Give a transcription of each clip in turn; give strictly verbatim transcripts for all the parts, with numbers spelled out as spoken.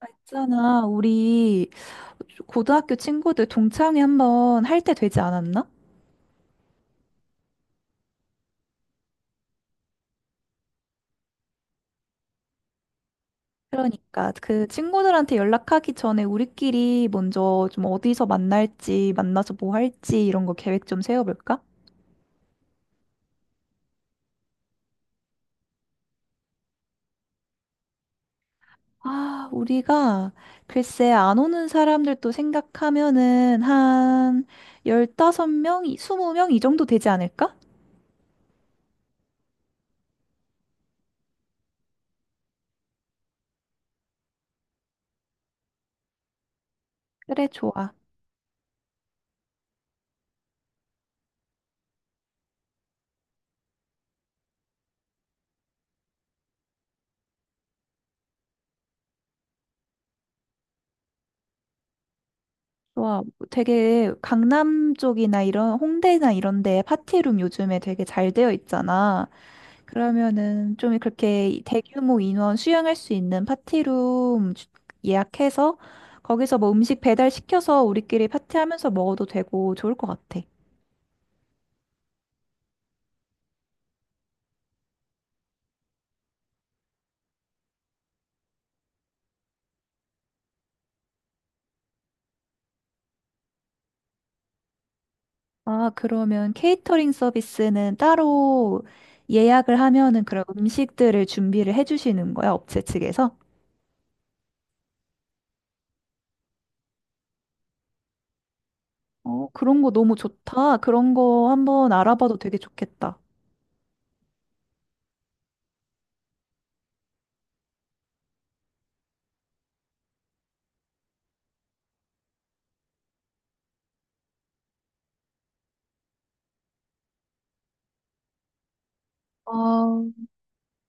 아, 있잖아, 우리 고등학교 친구들 동창회 한번 할 때 되지 않았나? 그러니까 그 친구들한테 연락하기 전에 우리끼리 먼저 좀 어디서 만날지, 만나서 뭐 할지 이런 거 계획 좀 세워볼까? 아, 우리가 글쎄 안 오는 사람들도 생각하면은 한 열다섯 명, 스무 명 이 정도 되지 않을까? 그래, 좋아. 와, 되게 강남 쪽이나 이런 홍대나 이런 데 파티룸 요즘에 되게 잘 되어 있잖아. 그러면은 좀 그렇게 대규모 인원 수용할 수 있는 파티룸 주- 예약해서 거기서 뭐 음식 배달 시켜서 우리끼리 파티하면서 먹어도 되고 좋을 것 같아. 아, 그러면 케이터링 서비스는 따로 예약을 하면은 그런 음식들을 준비를 해주시는 거야, 업체 측에서? 어, 그런 거 너무 좋다. 그런 거 한번 알아봐도 되게 좋겠다. 어,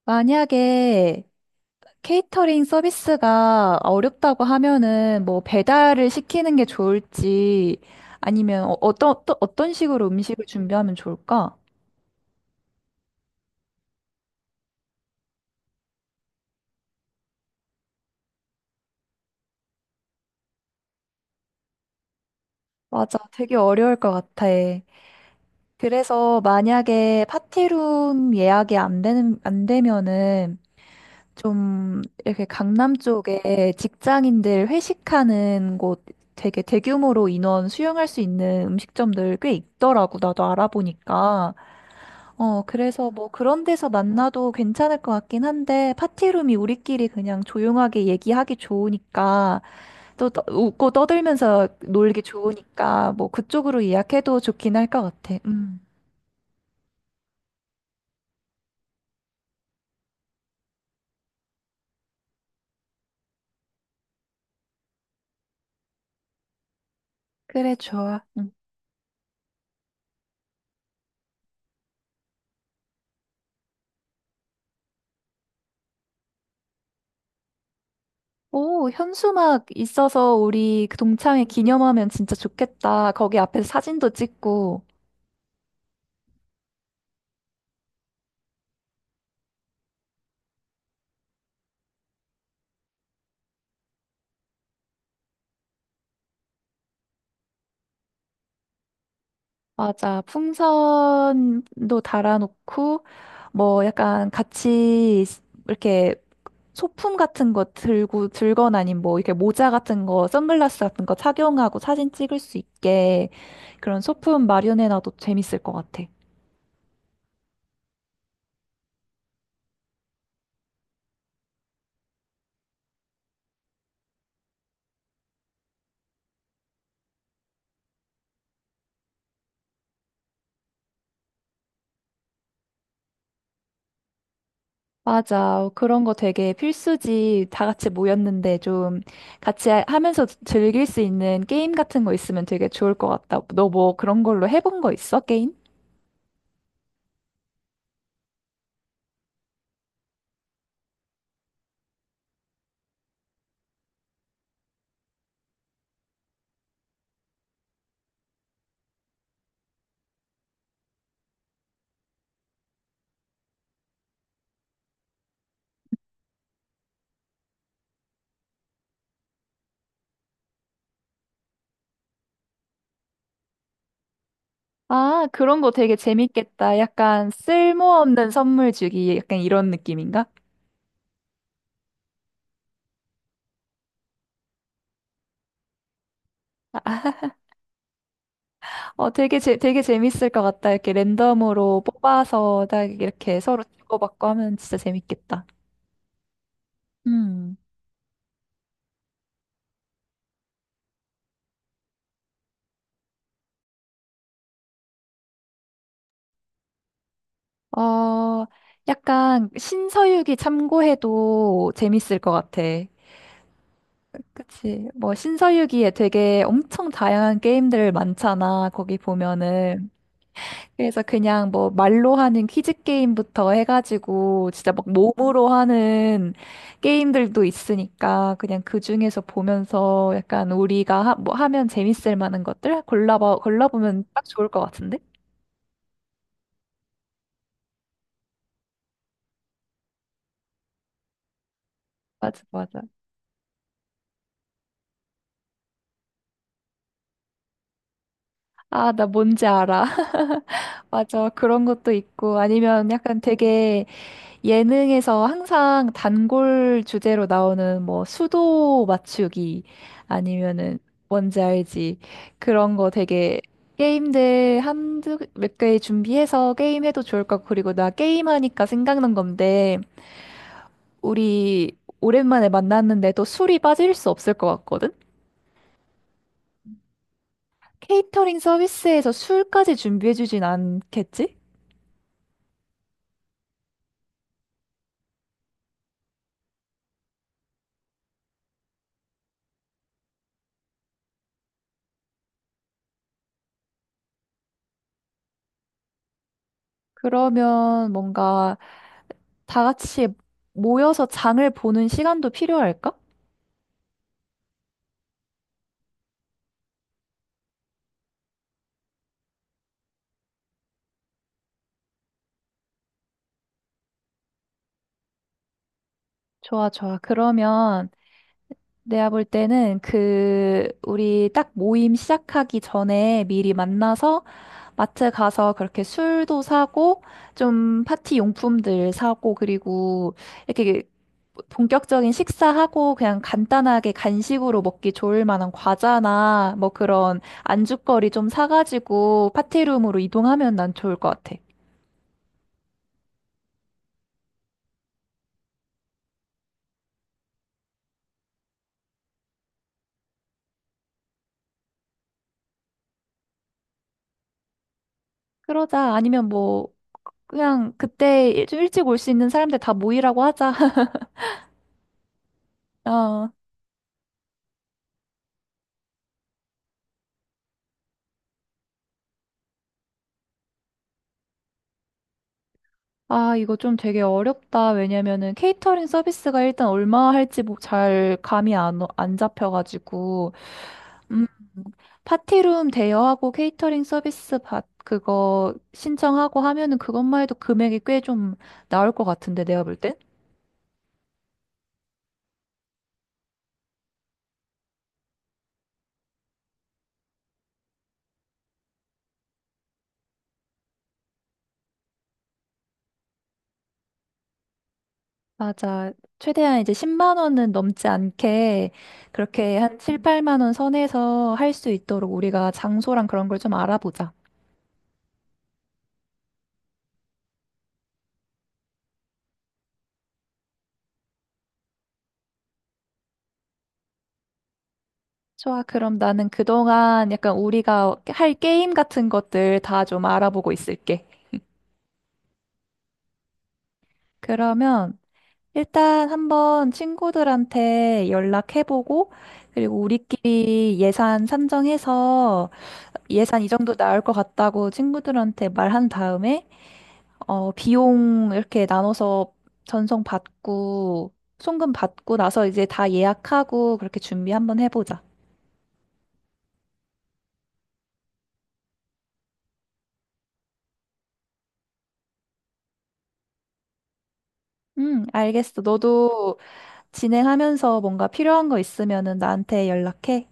만약에 케이터링 서비스가 어렵다고 하면은 뭐 배달을 시키는 게 좋을지 아니면 어, 어떤 또 어떤 식으로 음식을 준비하면 좋을까? 맞아, 되게 어려울 것 같아. 그래서 만약에 파티룸 예약이 안 되는 안 되면은 좀 이렇게 강남 쪽에 직장인들 회식하는 곳 되게 대규모로 인원 수용할 수 있는 음식점들 꽤 있더라고 나도 알아보니까. 어, 그래서 뭐 그런 데서 만나도 괜찮을 것 같긴 한데, 파티룸이 우리끼리 그냥 조용하게 얘기하기 좋으니까, 또 떠- 웃고 떠들면서 놀기 좋으니까, 뭐 그쪽으로 예약해도 좋긴 할 것 같아. 음. 그래, 좋아. 응. 오, 현수막 있어서 우리 그 동창회 기념하면 진짜 좋겠다. 거기 앞에서 사진도 찍고, 맞아. 풍선도 달아놓고, 뭐 약간 같이 이렇게 소품 같은 거 들고 들거나 아니면 뭐 이렇게 모자 같은 거, 선글라스 같은 거 착용하고 사진 찍을 수 있게 그런 소품 마련해놔도 재밌을 것 같아. 맞아. 그런 거 되게 필수지. 다 같이 모였는데 좀 같이 하- 하면서 즐길 수 있는 게임 같은 거 있으면 되게 좋을 것 같다. 너 뭐 그런 걸로 해본 거 있어? 게임? 아, 그런 거 되게 재밌겠다. 약간 쓸모없는 선물 주기, 약간 이런 느낌인가? 어, 되게, 재, 되게 재밌을 것 같다. 이렇게 랜덤으로 뽑아서 딱 이렇게 서로 주고받고 하면 진짜 재밌겠다. 음. 어, 약간 신서유기 참고해도 재밌을 것 같아. 그치. 뭐 신서유기에 되게 엄청 다양한 게임들 많잖아. 거기 보면은. 그래서 그냥 뭐 말로 하는 퀴즈 게임부터 해가지고 진짜 막 몸으로 하는 게임들도 있으니까 그냥 그 중에서 보면서 약간 우리가 하, 뭐 하면 재밌을 만한 것들 골라봐 골라보면 딱 좋을 것 같은데? 맞아, 맞아. 아, 나 뭔지 알아. 맞아. 그런 것도 있고 아니면 약간 되게 예능에서 항상 단골 주제로 나오는 뭐 수도 맞추기 아니면은 뭔지 알지? 그런 거 되게 게임들 한두 몇 개 준비해서 게임해도 좋을 것 같고 그리고 나 게임하니까 생각난 건데 우리 오랜만에 만났는데 또 술이 빠질 수 없을 것 같거든? 케이터링 서비스에서 술까지 준비해주진 않겠지? 그러면 뭔가 다 같이 모여서 장을 보는 시간도 필요할까? 좋아, 좋아. 그러면 내가 볼 때는 그, 우리 딱 모임 시작하기 전에 미리 만나서 마트 가서 그렇게 술도 사고, 좀 파티 용품들 사고, 그리고 이렇게 본격적인 식사하고 그냥 간단하게 간식으로 먹기 좋을 만한 과자나 뭐 그런 안주거리 좀 사가지고 파티룸으로 이동하면 난 좋을 것 같아. 그러자. 아니면 뭐, 그냥 그때 좀 일찍 올 수 있는 사람들 다 모이라고 하자. 어. 아, 이거 좀 되게 어렵다. 왜냐면은 케이터링 서비스가 일단 얼마 할지 뭐 잘 감이 안, 오- 안 잡혀가지고. 음, 파티룸 대여하고 케이터링 서비스 받, 그거 신청하고 하면은 그것만 해도 금액이 꽤 좀 나올 것 같은데, 내가 볼 땐? 맞아. 최대한 이제 십만 원은 넘지 않게 그렇게 한 칠, 팔만 원 선에서 할 수 있도록 우리가 장소랑 그런 걸 좀 알아보자. 좋아, 그럼 나는 그동안 약간 우리가 할 게임 같은 것들 다 좀 알아보고 있을게. 그러면 일단 한번 친구들한테 연락해보고, 그리고 우리끼리 예산 산정해서 예산 이 정도 나올 것 같다고 친구들한테 말한 다음에, 어, 비용 이렇게 나눠서 전송 받고, 송금 받고 나서 이제 다 예약하고 그렇게 준비 한번 해보자. 응, 알겠어. 너도 진행하면서 뭔가 필요한 거 있으면은 나한테 연락해.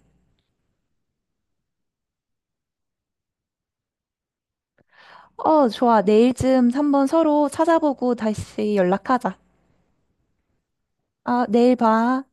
어, 좋아. 내일쯤 한번 서로 찾아보고 다시 연락하자. 아, 내일 봐.